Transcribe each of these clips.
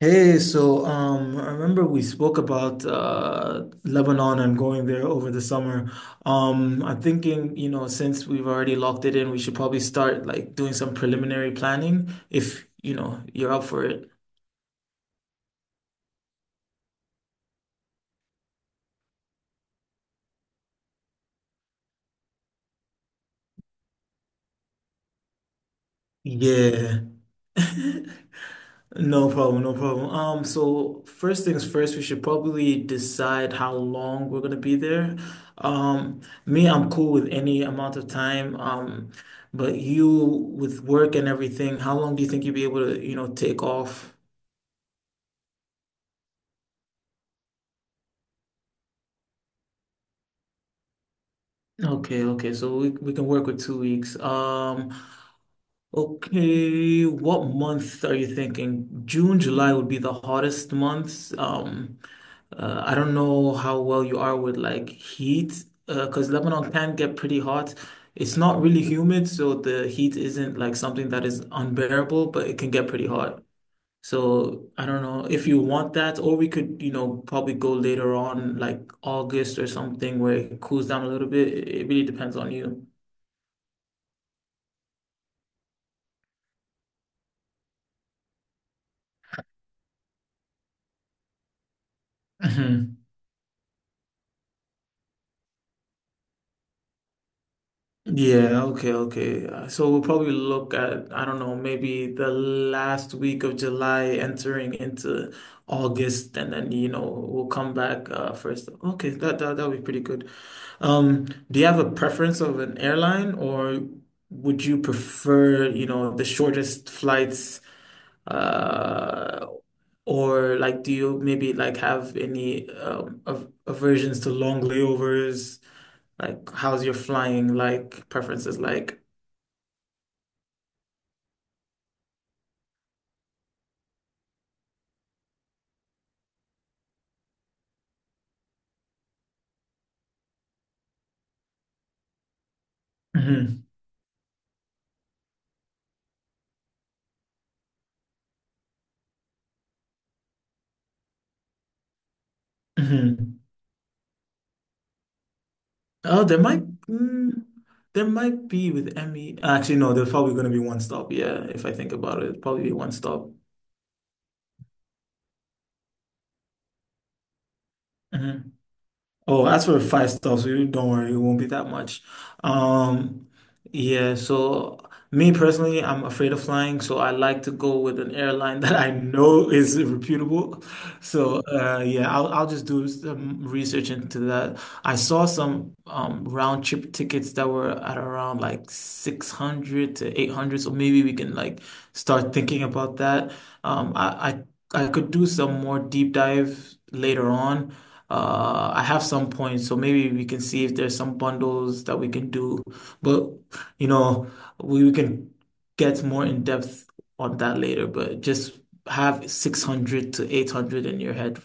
Hey, so I remember we spoke about Lebanon and going there over the summer. I'm thinking, you know, since we've already locked it in, we should probably start like doing some preliminary planning if, you know, you're up for it. Yeah. No problem, no problem. So first things first, we should probably decide how long we're gonna be there. Um, Me, I'm cool with any amount of time. But you with work and everything, how long do you think you'll be able to, you know, take off? Okay, okay. So we can work with two weeks. Okay, what month are you thinking? June, July would be the hottest months. I don't know how well you are with like heat, because Lebanon can get pretty hot. It's not really humid, so the heat isn't like something that is unbearable, but it can get pretty hot. So I don't know if you want that, or we could, you know, probably go later on, like August or something, where it cools down a little bit. It really depends on you. Yeah, okay, okay. So we'll probably look at, I don't know, maybe the last week of July entering into August, and then, you know, we'll come back first. Okay, that'll be pretty good. Um, do you have a preference of an airline or would you prefer, you know, the shortest flights uh or like do you maybe like have any av aversions to long layovers? Like, how's your flying like preferences like? hmm hmm Oh, mm, there might be with Emmy. Actually, no, there's probably going to be one stop. Yeah, if I think about it, it'll probably be one stop. Oh, that's for five stars. So you don't worry, it won't be that much. Um, yeah, so me personally, I'm afraid of flying, so I like to go with an airline that I know is reputable. So yeah, I'll just do some research into that. I saw some round trip tickets that were at around like 600 to 800, so maybe we can like start thinking about that. Um, I I could do some more deep dive later on. I have some points, so maybe we can see if there's some bundles that we can do. But you know, we can get more in depth on that later. But just have 600 to 800 in your head.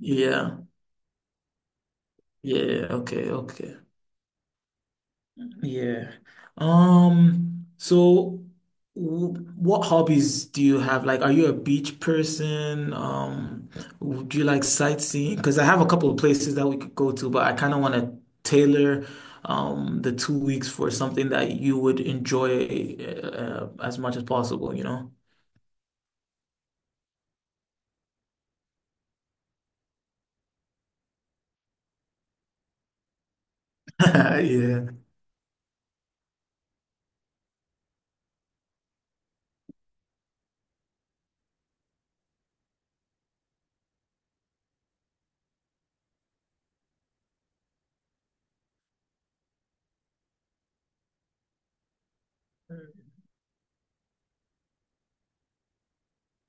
Yeah. Yeah. Okay. Okay. Yeah. So w What hobbies do you have? Like, are you a beach person? Do you like sightseeing? Because I have a couple of places that we could go to, but I kind of want to tailor the two weeks for something that you would enjoy as much as possible, you know? Yeah.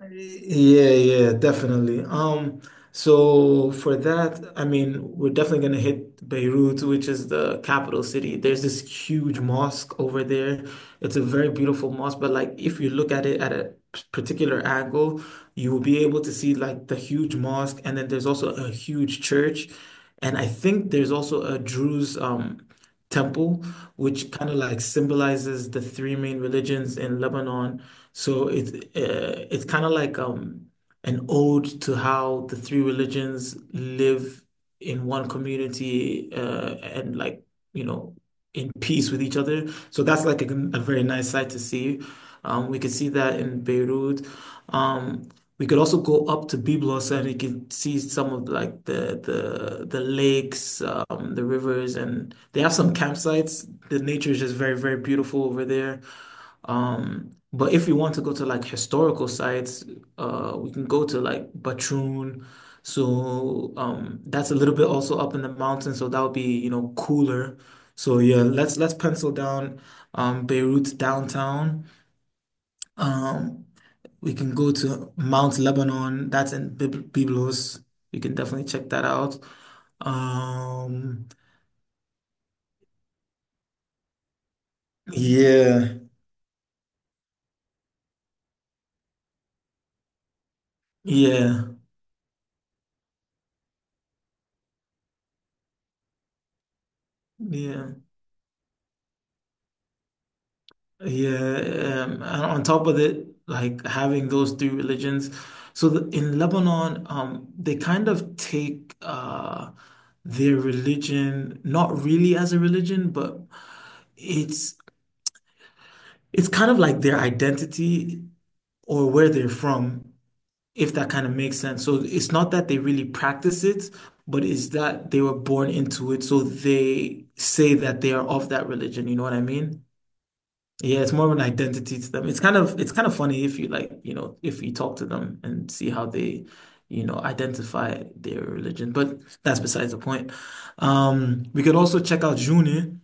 Yeah, yeah, definitely. So for that, I mean, we're definitely gonna hit Beirut, which is the capital city. There's this huge mosque over there. It's a very beautiful mosque, but like if you look at it at a particular angle, you will be able to see like the huge mosque, and then there's also a huge church, and I think there's also a Druze temple, which kind of like symbolizes the three main religions in Lebanon. So it's kind of like an ode to how the three religions live in one community and like you know in peace with each other. So that's like a very nice sight to see. We could see that in Beirut. Um, we could also go up to Byblos and you can see some of like the lakes, the rivers, and they have some campsites. The nature is just very, very beautiful over there. But if we want to go to like historical sites, we can go to like Batroun. So that's a little bit also up in the mountains, so that would be, you know, cooler. So yeah, let's pencil down Beirut downtown. Um, we can go to Mount Lebanon. That's in Byblos. We can definitely check that out. Um, yeah, yeah, yeah. Yeah, and on top of it, like having those three religions. So in Lebanon, they kind of take their religion not really as a religion, but it's it's kind of like their identity or where they're from, if that kind of makes sense. So it's not that they really practice it, but it's that they were born into it, so they say that they are of that religion. You know what I mean? Yeah, it's more of an identity to them. It's kind of funny if you like, you know, if you talk to them and see how they, you know, identify their religion. But that's besides the point. We could also check out June.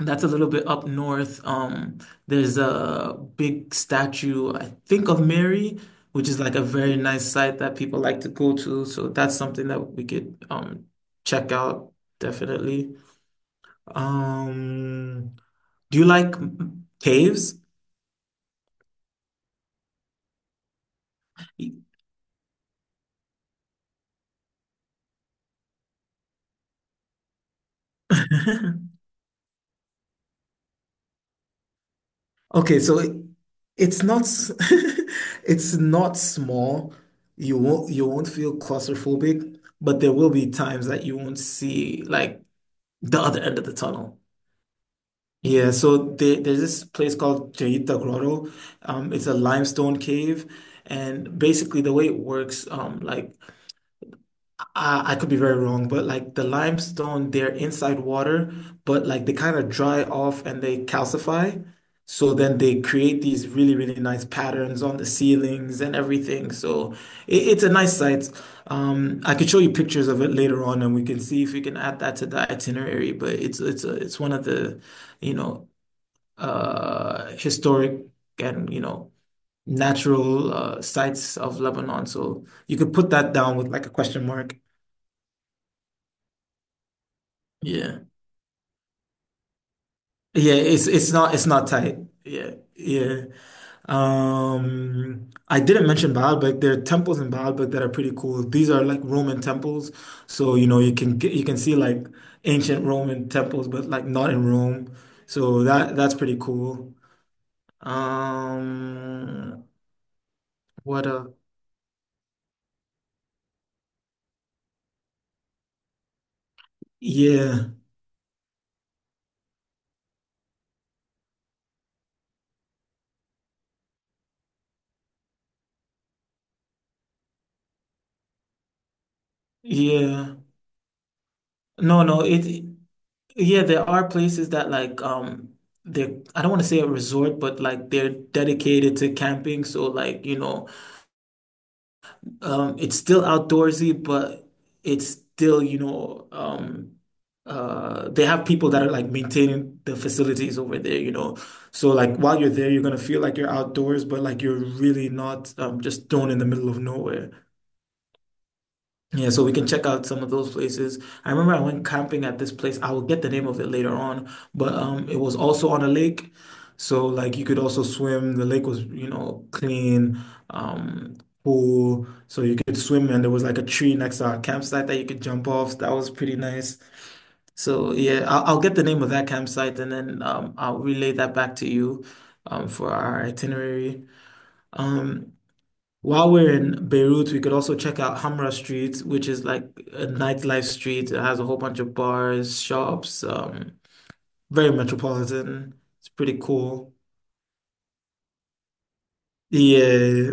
That's a little bit up north. There's a big statue, I think, of Mary, which is like a very nice site that people like to go to. So that's something that we could check out definitely. Um, do you like caves? Okay, it's not s- it's not small. You won't feel claustrophobic, but there will be times that you won't see like the other end of the tunnel. Yeah, so there's this place called Jaita Grotto. It's a limestone cave, and basically the way it works, like I could be very wrong, but like the limestone, they're inside water, but like they kind of dry off and they calcify. So then they create these really, really nice patterns on the ceilings and everything. So it's a nice sight. I could show you pictures of it later on, and we can see if we can add that to the itinerary. But it's one of the, you know, historic and you know natural sites of Lebanon. So you could put that down with like a question mark. Yeah. Yeah, it's not tight. Yeah, yeah. I didn't mention Baalbek. There are temples in Baalbek that are pretty cool. These are like Roman temples, so you know you can see like ancient Roman temples, but like not in Rome. So that that's pretty cool. Um, what a Yeah, yeah. No, no. It Yeah, there are places that like they're I don't want to say a resort, but like they're dedicated to camping. So like, you know. It's still outdoorsy, but it's still, you know, they have people that are like maintaining the facilities over there, you know. So like while you're there, you're gonna feel like you're outdoors, but like you're really not just thrown in the middle of nowhere. Yeah, so we can check out some of those places. I remember I went camping at this place. I will get the name of it later on, but it was also on a lake, so like you could also swim. The lake was, you know, clean, um, pool, so you could swim, and there was like a tree next to our campsite that you could jump off. That was pretty nice. So yeah, I'll get the name of that campsite, and then I'll relay that back to you, for our itinerary. Um, while we're in Beirut, we could also check out Hamra Street, which is like a nightlife street. It has a whole bunch of bars, shops, very metropolitan. It's pretty cool. Yeah,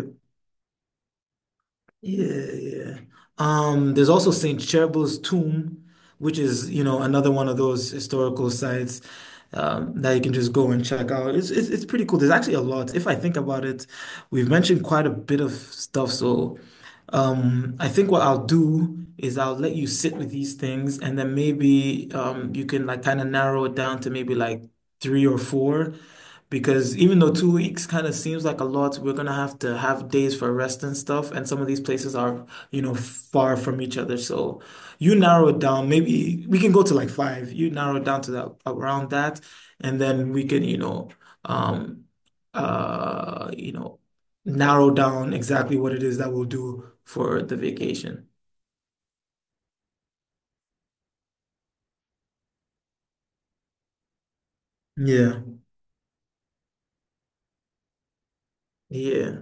yeah, yeah. There's also Saint Cheryl's tomb, which is, you know, another one of those historical sites that you can just go and check out. It's pretty cool. There's actually a lot. If I think about it, we've mentioned quite a bit of stuff, so. I think what I'll do is I'll let you sit with these things and then maybe you can like kind of narrow it down to maybe like three or four because even though two weeks kind of seems like a lot, we're gonna have to have days for rest and stuff, and some of these places are, you know, far from each other. So you narrow it down, maybe we can go to like five. You narrow it down to that around that, and then we can, you know, um uh you know narrow down exactly what it is that we'll do for the vacation. Yeah. Yeah,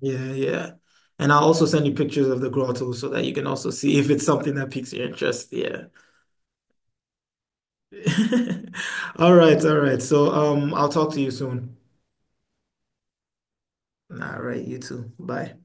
yeah, yeah. And I'll also send you pictures of the grotto so that you can also see if it's something that piques your interest. Yeah. All right, all right. So, I'll talk to you soon. All right, you too. Bye.